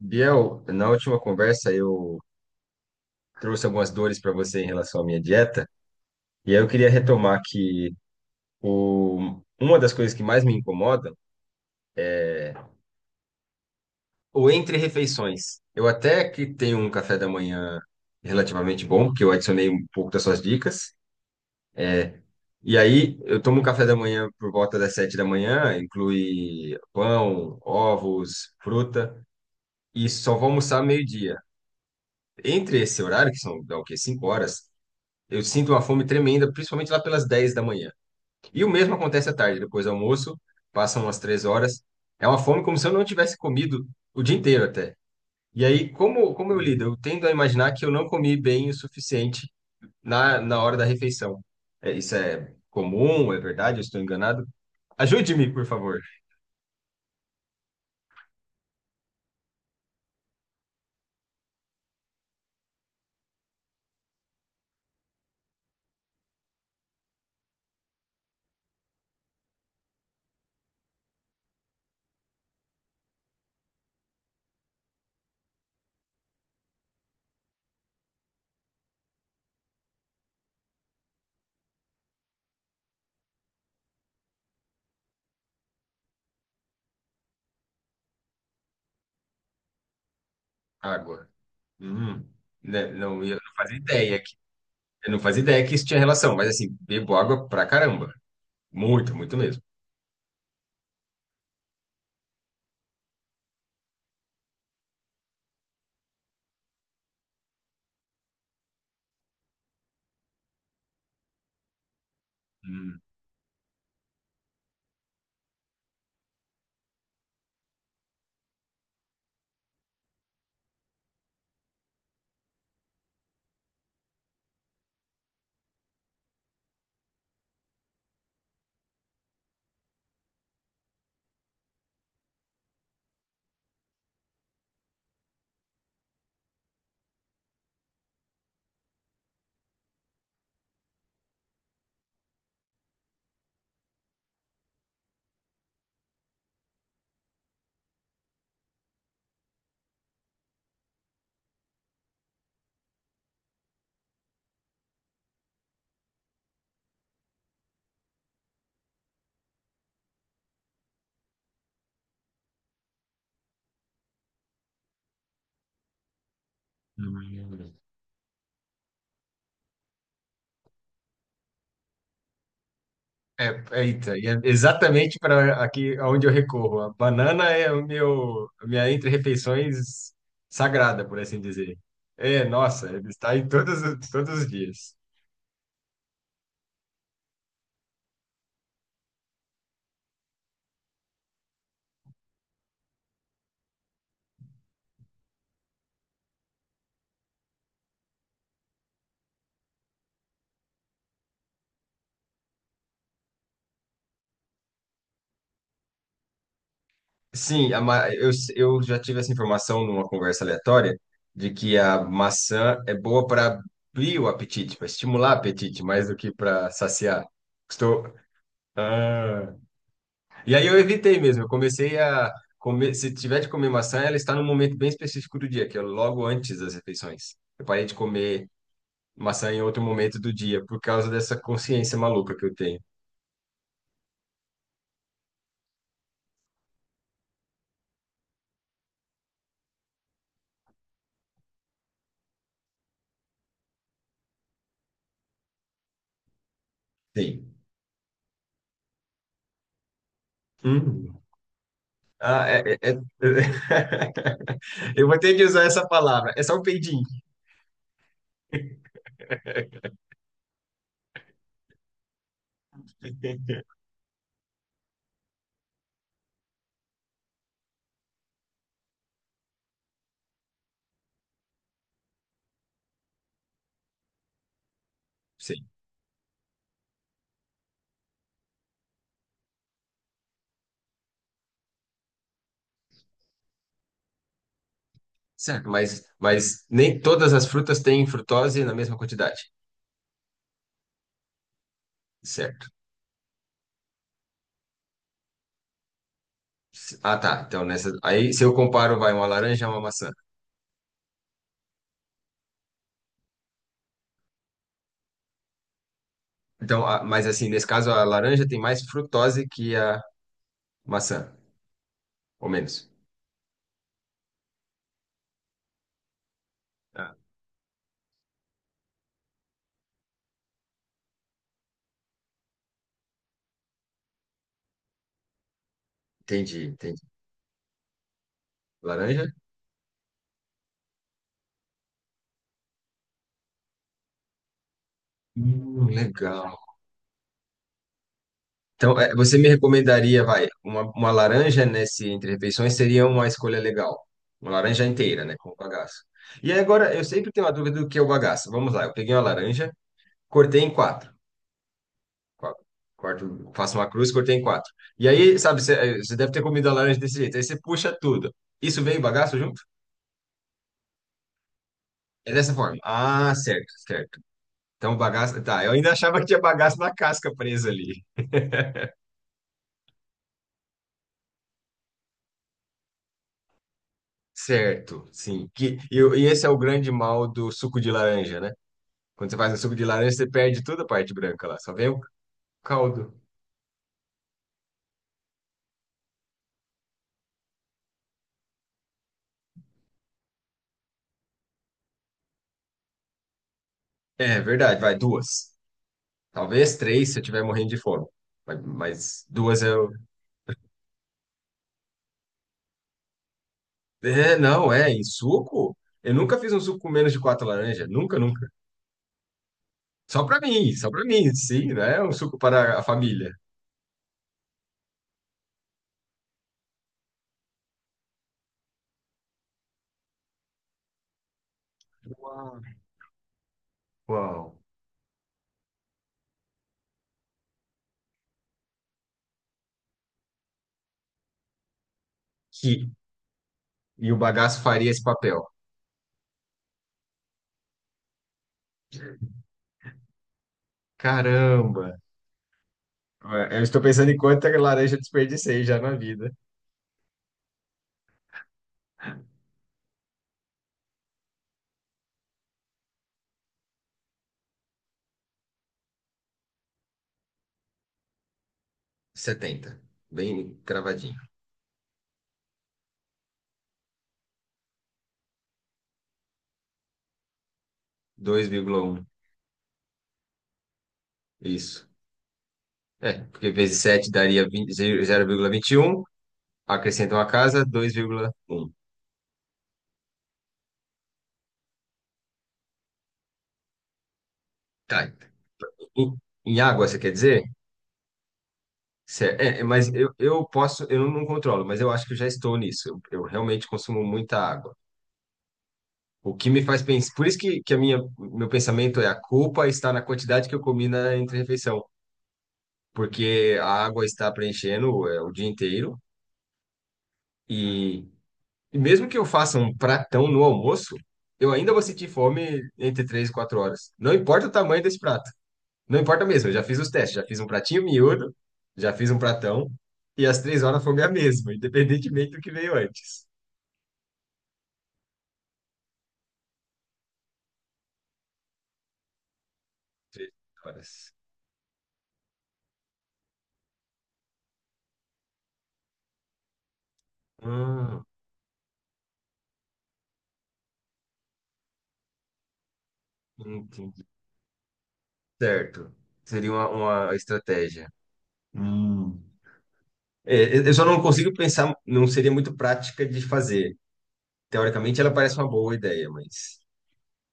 Biel, na última conversa eu trouxe algumas dores para você em relação à minha dieta, e aí eu queria retomar que uma das coisas que mais me incomoda, o entre refeições. Eu até que tenho um café da manhã relativamente bom, porque eu adicionei um pouco das suas dicas, e aí eu tomo um café da manhã por volta das 7 da manhã, inclui pão, ovos, fruta, e só vou almoçar meio-dia. Entre esse horário, que são, dá o quê? 5 horas, eu sinto uma fome tremenda, principalmente lá pelas 10 da manhã. E o mesmo acontece à tarde, depois do almoço, passam umas 3 horas. É uma fome como se eu não tivesse comido o dia inteiro até. E aí, como eu lido? Eu tendo a imaginar que eu não comi bem o suficiente na hora da refeição. É, isso é comum? É verdade? Eu estou enganado? Ajude-me, por favor. Água. Hum. Né? Não, eu não fazia ideia que isso tinha relação, mas assim, bebo água pra caramba. Muito, muito mesmo. Hum. Hum. É, eita, e é exatamente para aqui aonde eu recorro. A banana é o meu, a minha entre-refeições sagrada, por assim dizer. É, nossa, ele está em todos os dias. Sim, eu já tive essa informação numa conversa aleatória de que a maçã é boa para abrir o apetite, para estimular o apetite, mais do que para saciar. Estou. Ah. E aí eu evitei mesmo. Eu comecei a comer. Se tiver de comer maçã, ela está num momento bem específico do dia, que é logo antes das refeições. Eu parei de comer maçã em outro momento do dia, por causa dessa consciência maluca que eu tenho. Sim. Hum. Ah, Eu vou ter de usar essa palavra. É só um peidinho. Sim. Certo, mas nem todas as frutas têm frutose na mesma quantidade. Certo. Ah, tá. Então, aí, se eu comparo, vai uma laranja a uma maçã. Então, mas assim, nesse caso, a laranja tem mais frutose que a maçã, ou menos. Ah, entendi, entendi. Laranja? Legal. Então, é, você me recomendaria, vai, uma laranja nesse entre refeições seria uma escolha legal. Uma laranja inteira, né, com o bagaço. E aí, agora, eu sempre tenho uma dúvida do que é o bagaço. Vamos lá, eu peguei uma laranja, cortei em quatro. Qua- Corto, faço uma cruz, cortei em quatro. E aí, sabe, você deve ter comido a laranja desse jeito. Aí você puxa tudo. Isso veio bagaço junto? É dessa forma. Ah, certo, certo. Então, bagaço. Tá, eu ainda achava que tinha bagaço na casca presa ali. Certo, sim. E esse é o grande mal do suco de laranja, né? Quando você faz um suco de laranja, você perde toda a parte branca lá, só vem o caldo. É verdade, vai duas. Talvez três se eu estiver morrendo de fome. Mas duas eu. É, não, é. E suco? Eu nunca fiz um suco com menos de quatro laranjas. Nunca, nunca. Só pra mim, sim, né? Um suco para a família. Uau. Uau. Que E o bagaço faria esse papel. Caramba! Ué, eu estou pensando em quanta laranja eu desperdicei já na vida. 70, bem cravadinho. 2,1. Isso. É, porque vezes sete daria 20. 0,21. Acrescenta uma casa, 2,1. Tá. Em, em água, você quer dizer? Mas eu posso, eu não controlo, mas eu acho que eu já estou nisso. Eu realmente consumo muita água. O que me faz pensar. Por isso que a minha, meu pensamento é a culpa está na quantidade que eu comi na entre porque a água está preenchendo o dia inteiro e, e mesmo que eu faça um pratão no almoço, eu ainda vou sentir fome entre 3 e 4 horas. Não importa o tamanho desse prato. Não importa mesmo, eu já fiz os testes, já fiz um pratinho miúdo, já fiz um pratão e às 3 horas a fome é a mesma, independentemente do que veio antes. 3 horas. Hum, entendi. Certo. Seria uma, estratégia. Hum. É, eu só não consigo pensar, não seria muito prática de fazer. Teoricamente, ela parece uma boa ideia, mas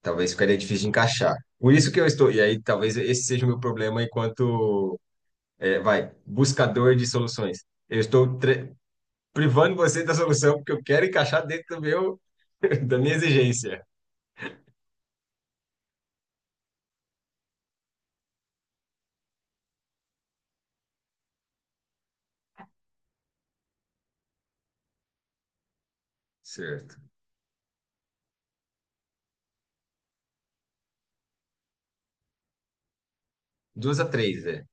talvez ficaria difícil de encaixar. Por isso que eu estou. E aí, talvez esse seja o meu problema enquanto, é, vai, buscador de soluções. Eu estou privando você da solução porque eu quero encaixar dentro do meu, da minha exigência. Certo. Duas a três, é.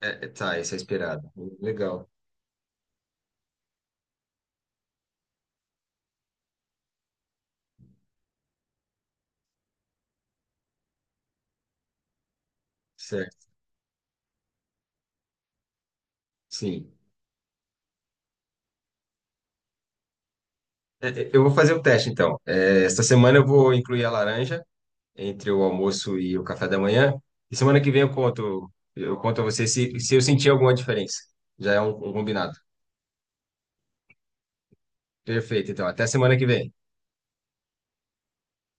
Tá, isso é esperado. Legal. Certo. Sim. É, eu vou fazer o teste, então. É, esta semana eu vou incluir a laranja. Entre o almoço e o café da manhã. E semana que vem eu conto, a você se eu sentir alguma diferença. Já é um combinado. Perfeito, então. Até semana que vem.